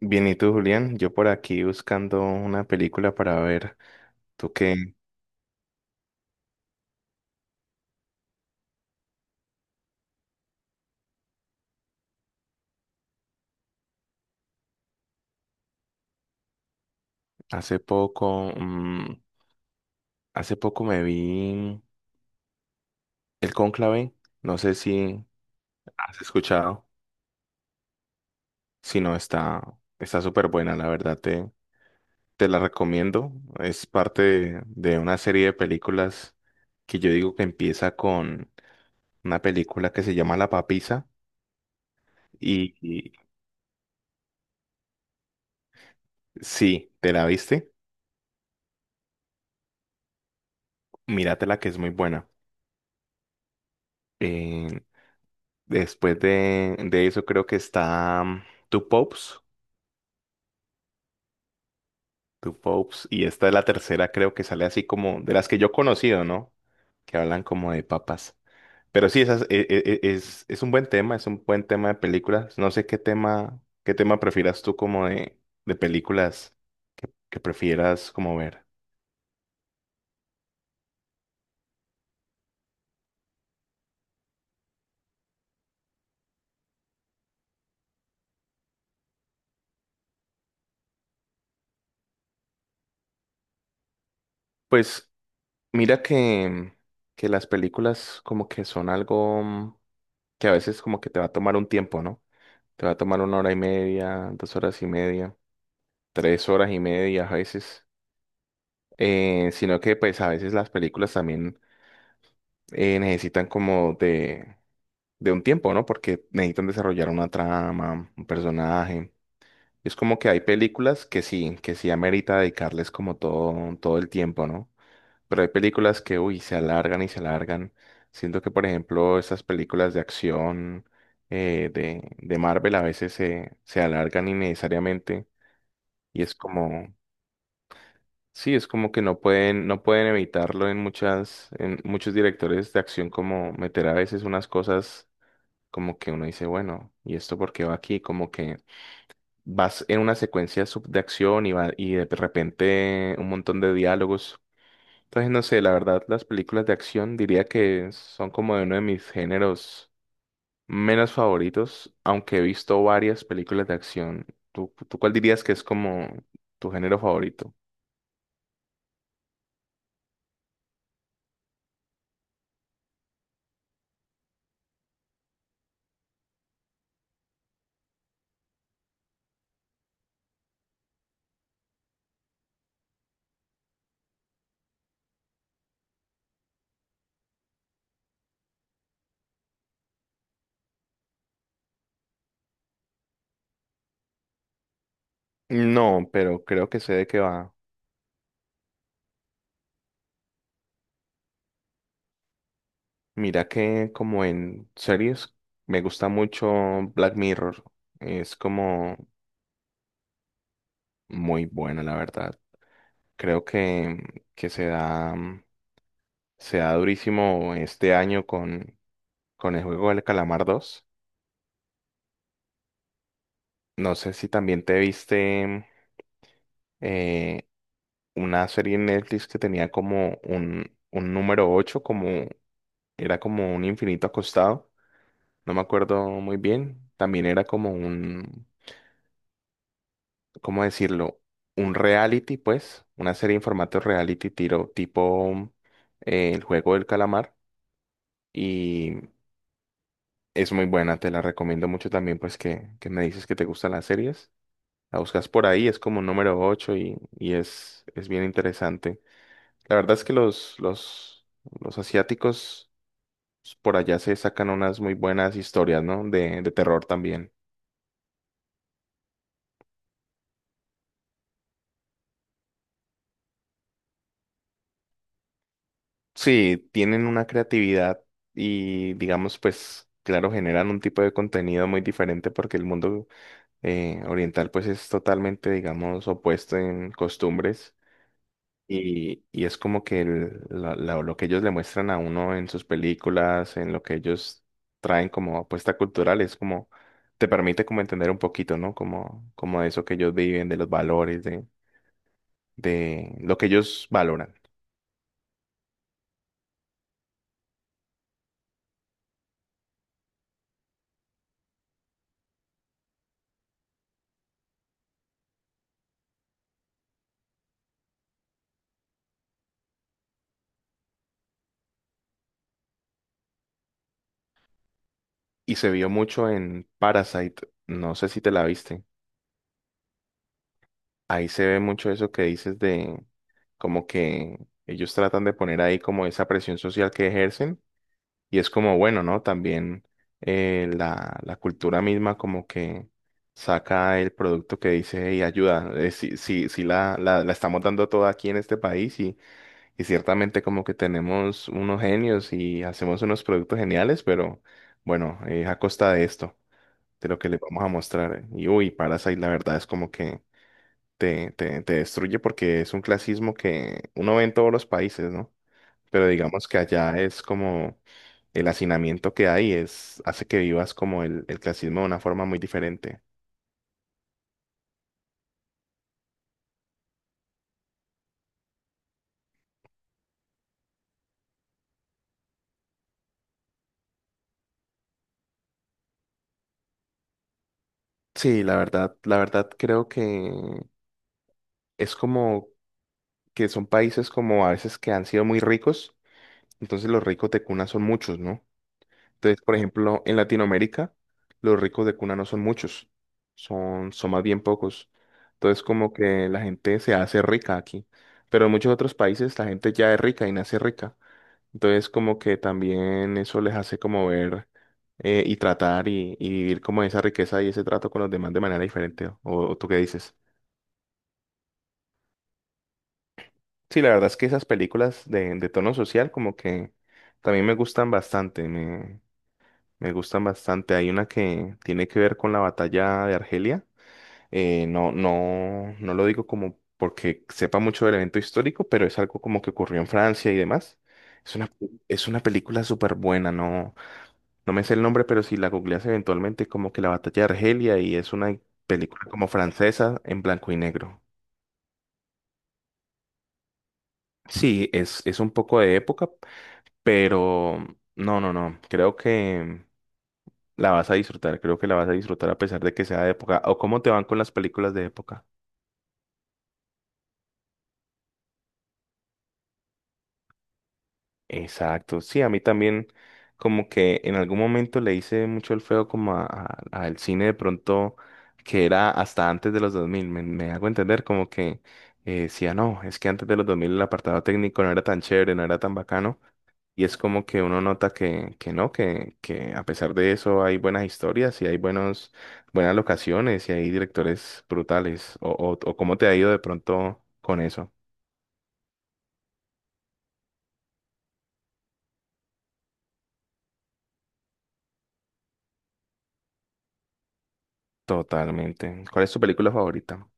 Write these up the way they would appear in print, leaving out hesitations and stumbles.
Bien, ¿y tú, Julián? Yo por aquí buscando una película para ver. Tú que hace hace poco me vi El Cónclave. No sé si has escuchado. Si no, está súper buena, la verdad. Te la recomiendo. Es parte de una serie de películas que yo digo que empieza con una película que se llama La Papisa. Y, y sí, ¿te la viste? Míratela que es muy buena. Eh, Después de eso creo que está Two Popes, Two Popes, y esta es la tercera creo que sale así como de las que yo he conocido, ¿no? Que hablan como de papas. Pero sí, esas, e- e- e- es un buen tema, es un buen tema de películas. No sé qué qué tema prefieras tú como de películas que prefieras como ver. Pues mira que las películas como que son algo que a veces como que te va a tomar un tiempo, ¿no? Te va a tomar una hora y media, dos horas y media, tres horas y media a veces, sino que pues a veces las películas también necesitan como de un tiempo, ¿no? Porque necesitan desarrollar una trama, un personaje. Es como que hay películas que sí amerita dedicarles como todo el tiempo, ¿no? Pero hay películas que, uy, se alargan y se alargan. Siento que, por ejemplo, estas películas de acción de Marvel a veces se alargan innecesariamente y es como, sí, es como que no no pueden evitarlo en en muchos directores de acción, como meter a veces unas cosas como que uno dice, bueno, ¿y esto por qué va aquí? Como que vas en una de acción y va, y de repente un montón de diálogos. Entonces, no sé, la verdad, las películas de acción diría que son como de uno de mis géneros menos favoritos, aunque he visto varias películas de acción. Tú cuál dirías que es como tu género favorito? No, pero creo que sé de qué va. Mira que como en series me gusta mucho Black Mirror. Es como muy buena, la verdad. Creo que se se da durísimo este año con el juego del Calamar dos. No sé si también te viste eh, una serie en Netflix que tenía como un número ocho, como era como un infinito acostado. No me acuerdo muy bien. También era como un, ¿cómo decirlo? Un reality, pues, una serie en formato reality tiro, tipo El juego del calamar. Y es muy buena, te la recomiendo mucho también, pues, que me dices que te gustan las series. La buscas por ahí, es como número 8 y es bien interesante. La verdad es que los asiáticos pues, por allá se sacan unas muy buenas historias, ¿no? De terror también. Sí, tienen una creatividad y digamos, pues, claro, generan un tipo de contenido muy diferente porque el mundo oriental pues es totalmente, digamos, opuesto en costumbres y es como que lo que ellos le muestran a uno en sus películas, en lo que ellos traen como apuesta cultural, es como, te permite como entender un poquito, ¿no? Como, como de eso que ellos viven, de los valores, de lo que ellos valoran. Y se vio mucho en Parasite, no sé si te la viste. Ahí se ve mucho eso que dices de como que ellos tratan de poner ahí como esa presión social que ejercen y es como bueno, ¿no? También la, la cultura misma como que saca el producto que dice, y ayuda, sí, sí, sí la estamos dando toda aquí en este país y ciertamente como que tenemos unos genios y hacemos unos productos geniales, pero bueno, a costa de esto, de lo que les vamos a mostrar. Eh. Y uy, Parasite, la verdad es como que te destruye porque es un clasismo que uno ve en todos los países, ¿no? Pero digamos que allá es como el hacinamiento que hay, es, hace que vivas como el clasismo de una forma muy diferente. Sí, la verdad creo que es como que son países como a veces que han sido muy ricos, entonces los ricos de cuna son muchos, ¿no? Entonces, por ejemplo, en Latinoamérica, los ricos de cuna no son muchos, son más bien pocos. Entonces, como que la gente se hace rica aquí, pero en muchos otros países la gente ya es rica y nace rica. Entonces, como que también eso les hace como ver y tratar y vivir como esa riqueza y ese trato con los demás de manera diferente. O tú qué dices? Sí, la verdad es que esas películas de tono social como que también me gustan bastante. Me gustan bastante. Hay una que tiene que ver con la batalla de Argelia. No lo digo como porque sepa mucho del evento histórico, pero es algo como que ocurrió en Francia y demás. Es una, es una película súper buena, no, no me sé el nombre, pero si la googleas eventualmente, como que la batalla de Argelia, y es una película como francesa en blanco y negro. Sí, es un poco de época, pero no, no, no. creo que la vas a disfrutar, creo que la vas a disfrutar a pesar de que sea de época. ¿O cómo te van con las películas de época? Exacto, sí, a mí también como que en algún momento le hice mucho el feo como al cine de pronto que era hasta antes de los 2000, me hago entender como que decía, no, es que antes de los 2000 el apartado técnico no era tan chévere, no era tan bacano. Y es como que uno nota que no, que a pesar de eso hay buenas historias y hay buenas locaciones y hay directores brutales. O cómo te ha ido de pronto con eso. Totalmente. ¿Cuál es tu película favorita?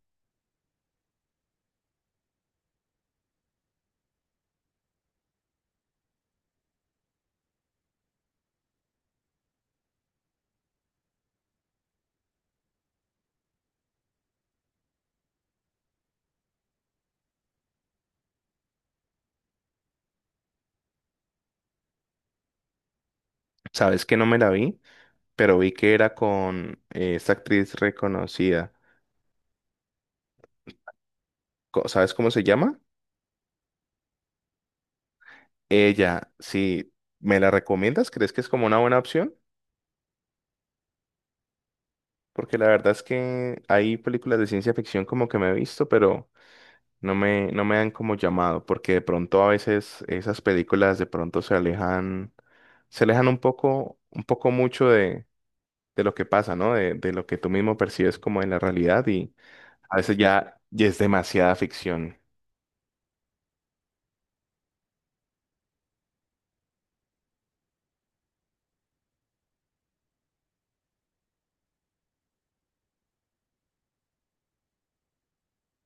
Sabes que no me la vi, pero vi que era con esta actriz reconocida. ¿Sabes cómo se llama? Ella, si me la recomiendas, ¿crees que es como una buena opción? Porque la verdad es que hay películas de ciencia ficción como que me he visto, pero... no me han como llamado, porque de pronto a veces esas películas de pronto se alejan un poco mucho de lo que pasa, ¿no? De lo que tú mismo percibes como en la realidad y a veces ya es demasiada ficción.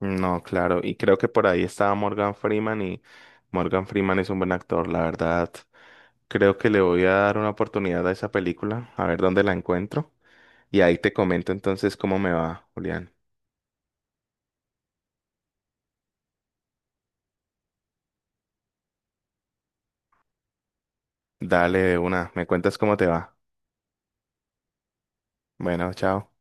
No, claro, y creo que por ahí estaba Morgan Freeman y Morgan Freeman es un buen actor, la verdad. Creo que le voy a dar una oportunidad a esa película, a ver dónde la encuentro y ahí te comento entonces cómo me va, Julián. Dale de una, me cuentas cómo te va. Bueno, chao.